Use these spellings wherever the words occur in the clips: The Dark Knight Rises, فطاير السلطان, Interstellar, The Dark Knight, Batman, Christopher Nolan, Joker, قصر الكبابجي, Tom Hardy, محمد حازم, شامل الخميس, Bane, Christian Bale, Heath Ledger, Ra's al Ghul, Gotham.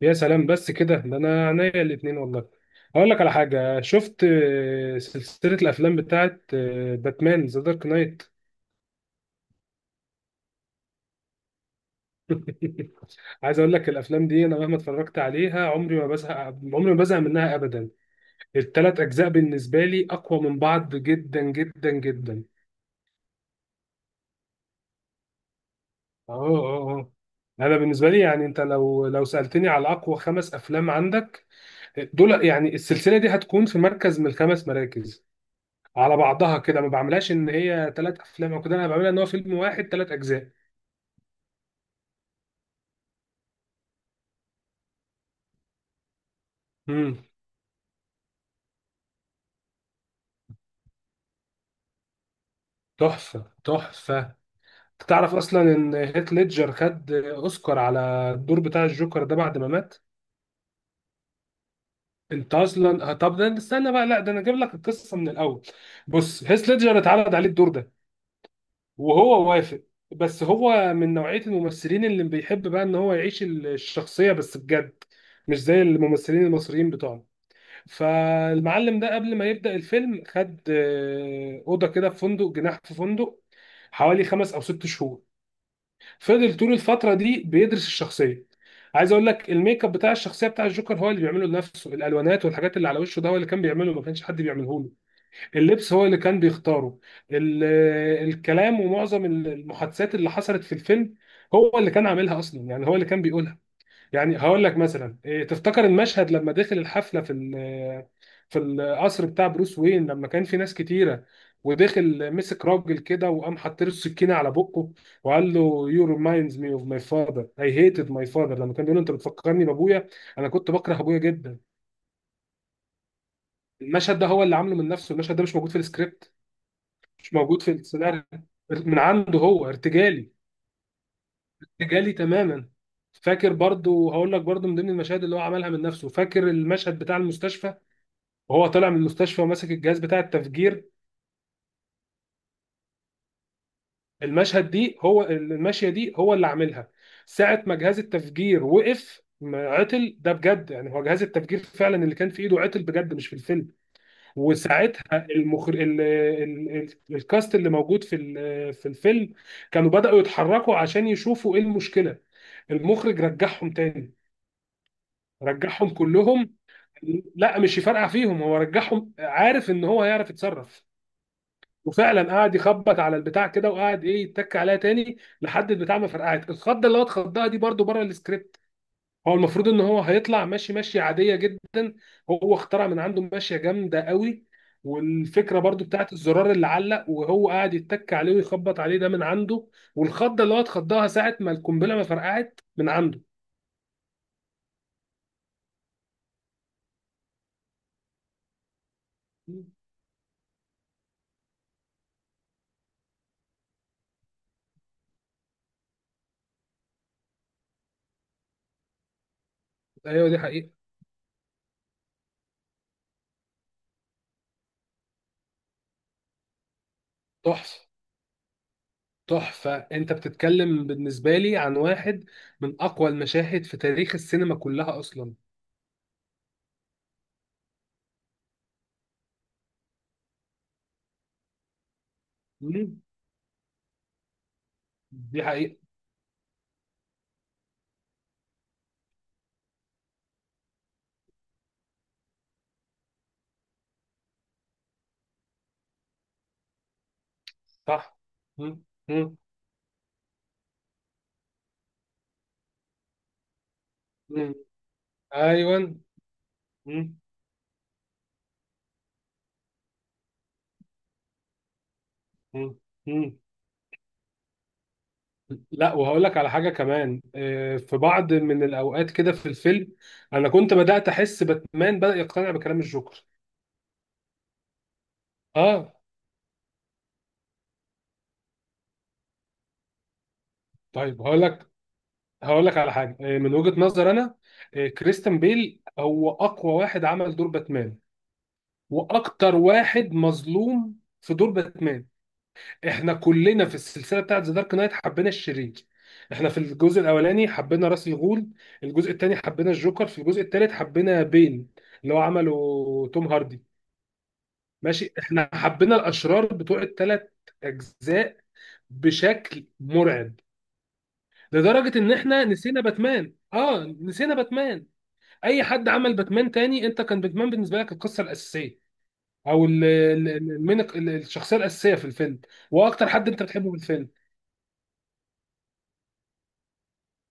يا سلام بس كده، ده انا عينيا الاتنين والله. اقول لك على حاجه، شفت سلسله الافلام بتاعت باتمان ذا دارك نايت. عايز اقول لك، الافلام دي انا مهما اتفرجت عليها عمري ما بزهق، عمري ما بزهق منها ابدا. الثلاث اجزاء بالنسبه لي اقوى من بعض جدا جدا جدا. اه اه اه. انا بالنسبه لي يعني، انت لو سالتني على اقوى خمس افلام عندك، دول يعني السلسله دي هتكون في مركز من الخمس مراكز. على بعضها كده، ما بعملهاش ان هي ثلاث افلام او كده، انا بعملها ان هو فيلم واحد ثلاث اجزاء. امم. تحفه تحفه. تعرف اصلا ان هيث ليدجر خد اوسكار على الدور بتاع الجوكر ده بعد ما مات؟ انت اصلا طب ده، استنى بقى، لا ده انا اجيب لك القصه من الاول. بص، هيث ليدجر اتعرض عليه الدور ده، وهو وافق. بس هو من نوعيه الممثلين اللي بيحب بقى ان هو يعيش الشخصيه بس بجد، مش زي الممثلين المصريين بتوعنا. فالمعلم ده قبل ما يبدأ الفيلم خد أوضة كده في فندق، جناح في فندق، حوالي خمس أو ست شهور. فضل طول الفترة دي بيدرس الشخصية. عايز أقول لك، الميك اب بتاع الشخصية بتاع الجوكر هو اللي بيعمله لنفسه، الألوانات والحاجات اللي على وشه ده هو اللي كان بيعمله، ما كانش حد بيعمله له. اللبس هو اللي كان بيختاره. الكلام ومعظم المحادثات اللي حصلت في الفيلم هو اللي كان عاملها أصلا، يعني هو اللي كان بيقولها. يعني هقول لك مثلا، إيه تفتكر المشهد لما دخل الحفله في القصر بتاع بروس وين، لما كان في ناس كتيره، ودخل مسك راجل كده وقام حاطط له السكينه على بقه، وقال له: يو ريمايندز مي اوف ماي فاذر، اي هيتد ماي فاذر. لما كان بيقول له انت بتفكرني بابويا، انا كنت بكره ابويا جدا؟ المشهد ده هو اللي عامله من نفسه، المشهد ده مش موجود في السكريبت، مش موجود في السيناريو. من عنده، هو ارتجالي، ارتجالي تماما. فاكر برضو، هقول لك برضو من ضمن المشاهد اللي هو عملها من نفسه، فاكر المشهد بتاع المستشفى، وهو طالع من المستشفى وماسك الجهاز بتاع التفجير؟ المشهد دي هو، الماشيه دي هو اللي عاملها. ساعه ما جهاز التفجير وقف، ما عطل ده بجد، يعني هو جهاز التفجير فعلا اللي كان في ايده عطل بجد، مش في الفيلم. وساعتها المخر... ال... ال... ال... الكاست اللي موجود في الفيلم كانوا بدأوا يتحركوا عشان يشوفوا ايه المشكله، المخرج رجعهم تاني، رجعهم كلهم. لا مش يفرقع فيهم، هو رجعهم عارف ان هو هيعرف يتصرف. وفعلا قعد يخبط على البتاع كده، وقعد ايه يتك عليها تاني لحد البتاع ما فرقعت. الخضه اللي هو اتخضها دي برضو بره السكريبت. هو المفروض ان هو هيطلع ماشي ماشيه عاديه جدا، هو اخترع من عنده ماشيه جامده قوي. والفكره برضو بتاعت الزرار اللي علق، وهو قاعد يتك عليه ويخبط عليه، ده من عنده. والخضه اللي هو اتخضها ساعه ما القنبله ما فرقعت من عنده. ايوه، دي حقيقه. تحفه تحفه. انت بتتكلم بالنسبه لي عن واحد من اقوى المشاهد في تاريخ السينما كلها اصلا. دي حقيقة. صح. مم. مم. مم. ايوه. مم. مم. مم. لا، وهقول لك على حاجة كمان، في بعض من الأوقات كده في الفيلم أنا كنت بدأت أحس باتمان بدأ يقتنع بكلام الجوكر. آه. طيب هقول لك على حاجة، من وجهة نظر أنا، كريستيان بيل هو أقوى واحد عمل دور باتمان، وأكتر واحد مظلوم في دور باتمان. احنا كلنا في السلسله بتاعت ذا دارك نايت حبينا الشرير. احنا في الجزء الاولاني حبينا راس الغول، الجزء الثاني حبينا الجوكر، في الجزء الثالث حبينا بين، اللي هو عمله توم هاردي. ماشي، احنا حبينا الاشرار بتوع الثلاث اجزاء بشكل مرعب، لدرجه ان احنا نسينا باتمان. اه، نسينا باتمان. اي حد عمل باتمان تاني، انت كان باتمان بالنسبه لك القصه الاساسيه، او ال- ال- ال- المين- ال- الشخصيه الاساسيه في الفيلم، واكتر حد انت بتحبه في الفيلم.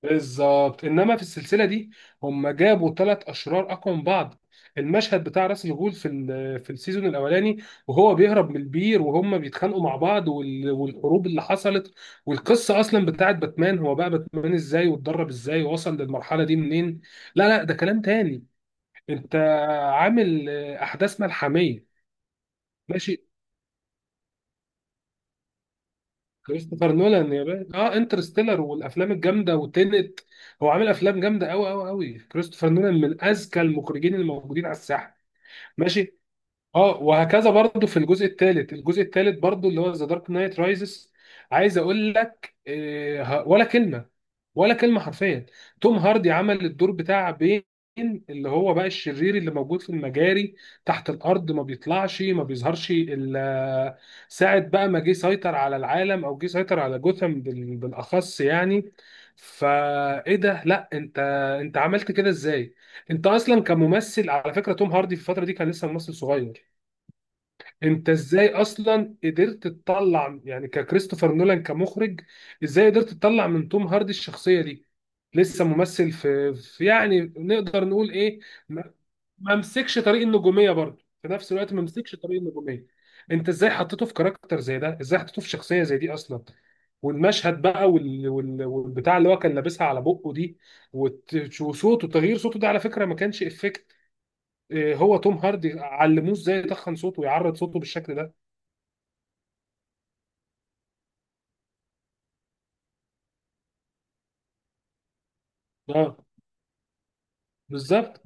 بالظبط، انما في السلسله دي هم جابوا ثلاث اشرار اقوى من بعض. المشهد بتاع راس الغول في السيزون الاولاني، وهو بيهرب من البير، وهم بيتخانقوا مع بعض، والحروب اللي حصلت، والقصه اصلا بتاعت باتمان، هو بقى باتمان ازاي، واتدرب ازاي، ووصل للمرحله دي منين. لا لا، ده كلام تاني. انت عامل احداث ملحميه. ماشي. كريستوفر نولان يا باشا، اه، انترستيلر والافلام الجامده وتينت. هو عامل افلام جامده قوي قوي قوي. كريستوفر نولان من اذكى المخرجين الموجودين على الساحه. ماشي. اه، وهكذا برضو في الجزء الثالث. الجزء الثالث برضو اللي هو ذا دارك نايت رايزز، عايز اقول لك ولا كلمه، ولا كلمه حرفيا. توم هاردي عمل الدور بتاع بين، اللي هو بقى الشرير اللي موجود في المجاري تحت الارض، ما بيطلعش ما بيظهرش الا ساعه بقى ما جه سيطر على العالم، او جه سيطر على جوثام بالاخص يعني. فايه ده؟ لا انت، انت عملت كده ازاي؟ انت اصلا كممثل، على فكره توم هاردي في الفتره دي كان لسه ممثل صغير. انت ازاي اصلا قدرت تطلع يعني ككريستوفر نولان كمخرج، ازاي قدرت تطلع من توم هاردي الشخصيه دي؟ لسه ممثل في يعني، نقدر نقول ايه، ما ما مسكش طريق النجوميه برضه. في نفس الوقت ما مسكش طريق النجوميه. انت ازاي حطيته في كاركتر زي ده؟ ازاي حطيته في شخصيه زي دي اصلا؟ والمشهد بقى والبتاع اللي هو كان لابسها على بقه دي، وصوته، تغيير صوته ده على فكره ما كانش افكت. هو توم هاردي علموه ازاي يتخن صوته ويعرض صوته بالشكل ده. اه، بالظبط.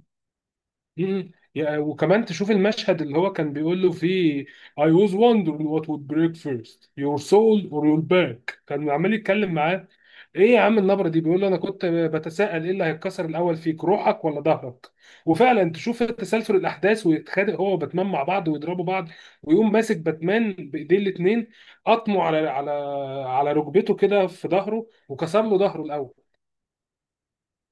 مم. وكمان تشوف المشهد اللي هو كان بيقول له فيه I was wondering what would break first your soul or your back، كان عمال يتكلم معاه. ايه يا عم النبرة دي! بيقول له انا كنت بتساءل ايه اللي هيتكسر الاول فيك، روحك ولا ظهرك. وفعلا تشوف تسلسل الاحداث، ويتخانق هو وباتمان مع بعض ويضربوا بعض، ويقوم ماسك باتمان بايديه الاتنين، قطمه على ركبته كده في ظهره، وكسر له ظهره الاول.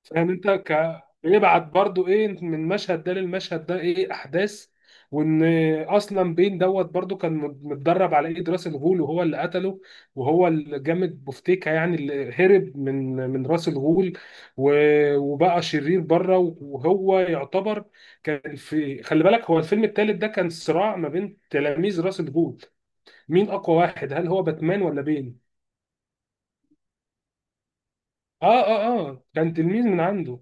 فاهم انت؟ بيبعت برضو ايه من المشهد ده للمشهد ده، ايه احداث. وان اصلا بين دوت برضو كان متدرب على ايد راس الغول، وهو اللي قتله وهو اللي جامد بوفتيكا، يعني اللي هرب من راس الغول، وبقى شرير بره. وهو يعتبر كان في، خلي بالك، هو الفيلم الثالث ده كان صراع ما بين تلاميذ راس الغول، مين اقوى واحد، هل هو باتمان ولا بين. اه اه اه، كان تلميذ من عنده.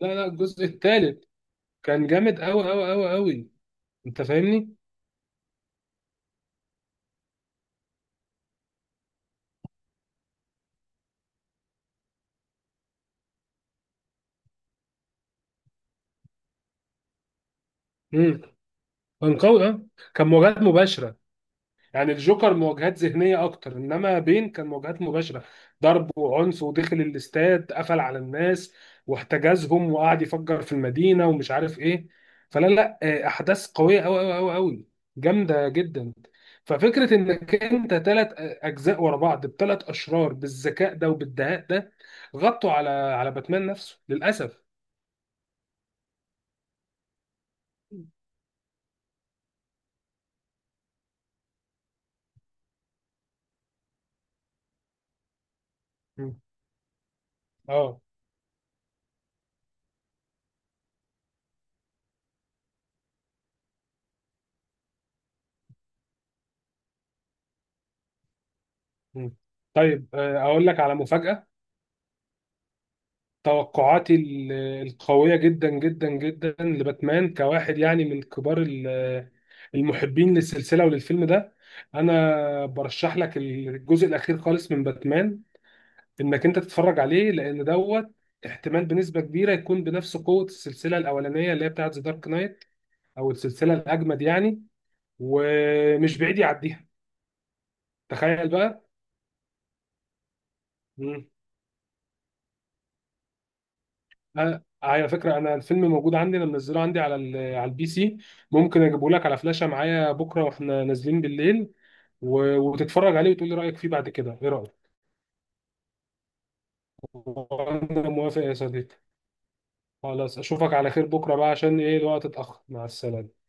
لا لا، الجزء الثالث كان جامد قوي قوي قوي قوي. انت فاهمني. امم. كان قوي اه. كان مواجهات مباشره. يعني الجوكر مواجهات ذهنيه اكتر، انما بين كان مواجهات مباشره، ضرب وعنف ودخل الاستاد قفل على الناس واحتجزهم، وقعد يفجر في المدينه ومش عارف ايه. فلا لا، احداث قويه قوي قوي قوي قوي، جامده جدا. ففكره انك انت ثلاث اجزاء ورا بعض بثلاث اشرار بالذكاء ده وبالدهاء ده، غطوا على باتمان نفسه للاسف. مم. اه. مم. طيب، اقول لك على مفاجأة. توقعاتي القوية جدا جدا جدا لباتمان كواحد يعني من كبار المحبين للسلسلة وللفيلم ده، انا برشح لك الجزء الاخير خالص من باتمان، انك انت تتفرج عليه، لان دوت احتمال بنسبة كبيرة يكون بنفس قوة السلسلة الاولانية اللي هي بتاعت ذا دارك نايت، او السلسلة الاجمد يعني، ومش بعيد يعديها. تخيل بقى. على فكرة، أنا الفيلم موجود عندي، أنا منزله عندي على PC. ممكن أجيبه لك على فلاشة معايا بكرة وإحنا نازلين بالليل، وتتفرج عليه وتقول لي رأيك فيه بعد كده. إيه رأيك؟ وأنا موافق يا صديقي. خلاص، أشوفك على خير بكرة بقى، عشان إيه، الوقت اتأخر. مع السلامة.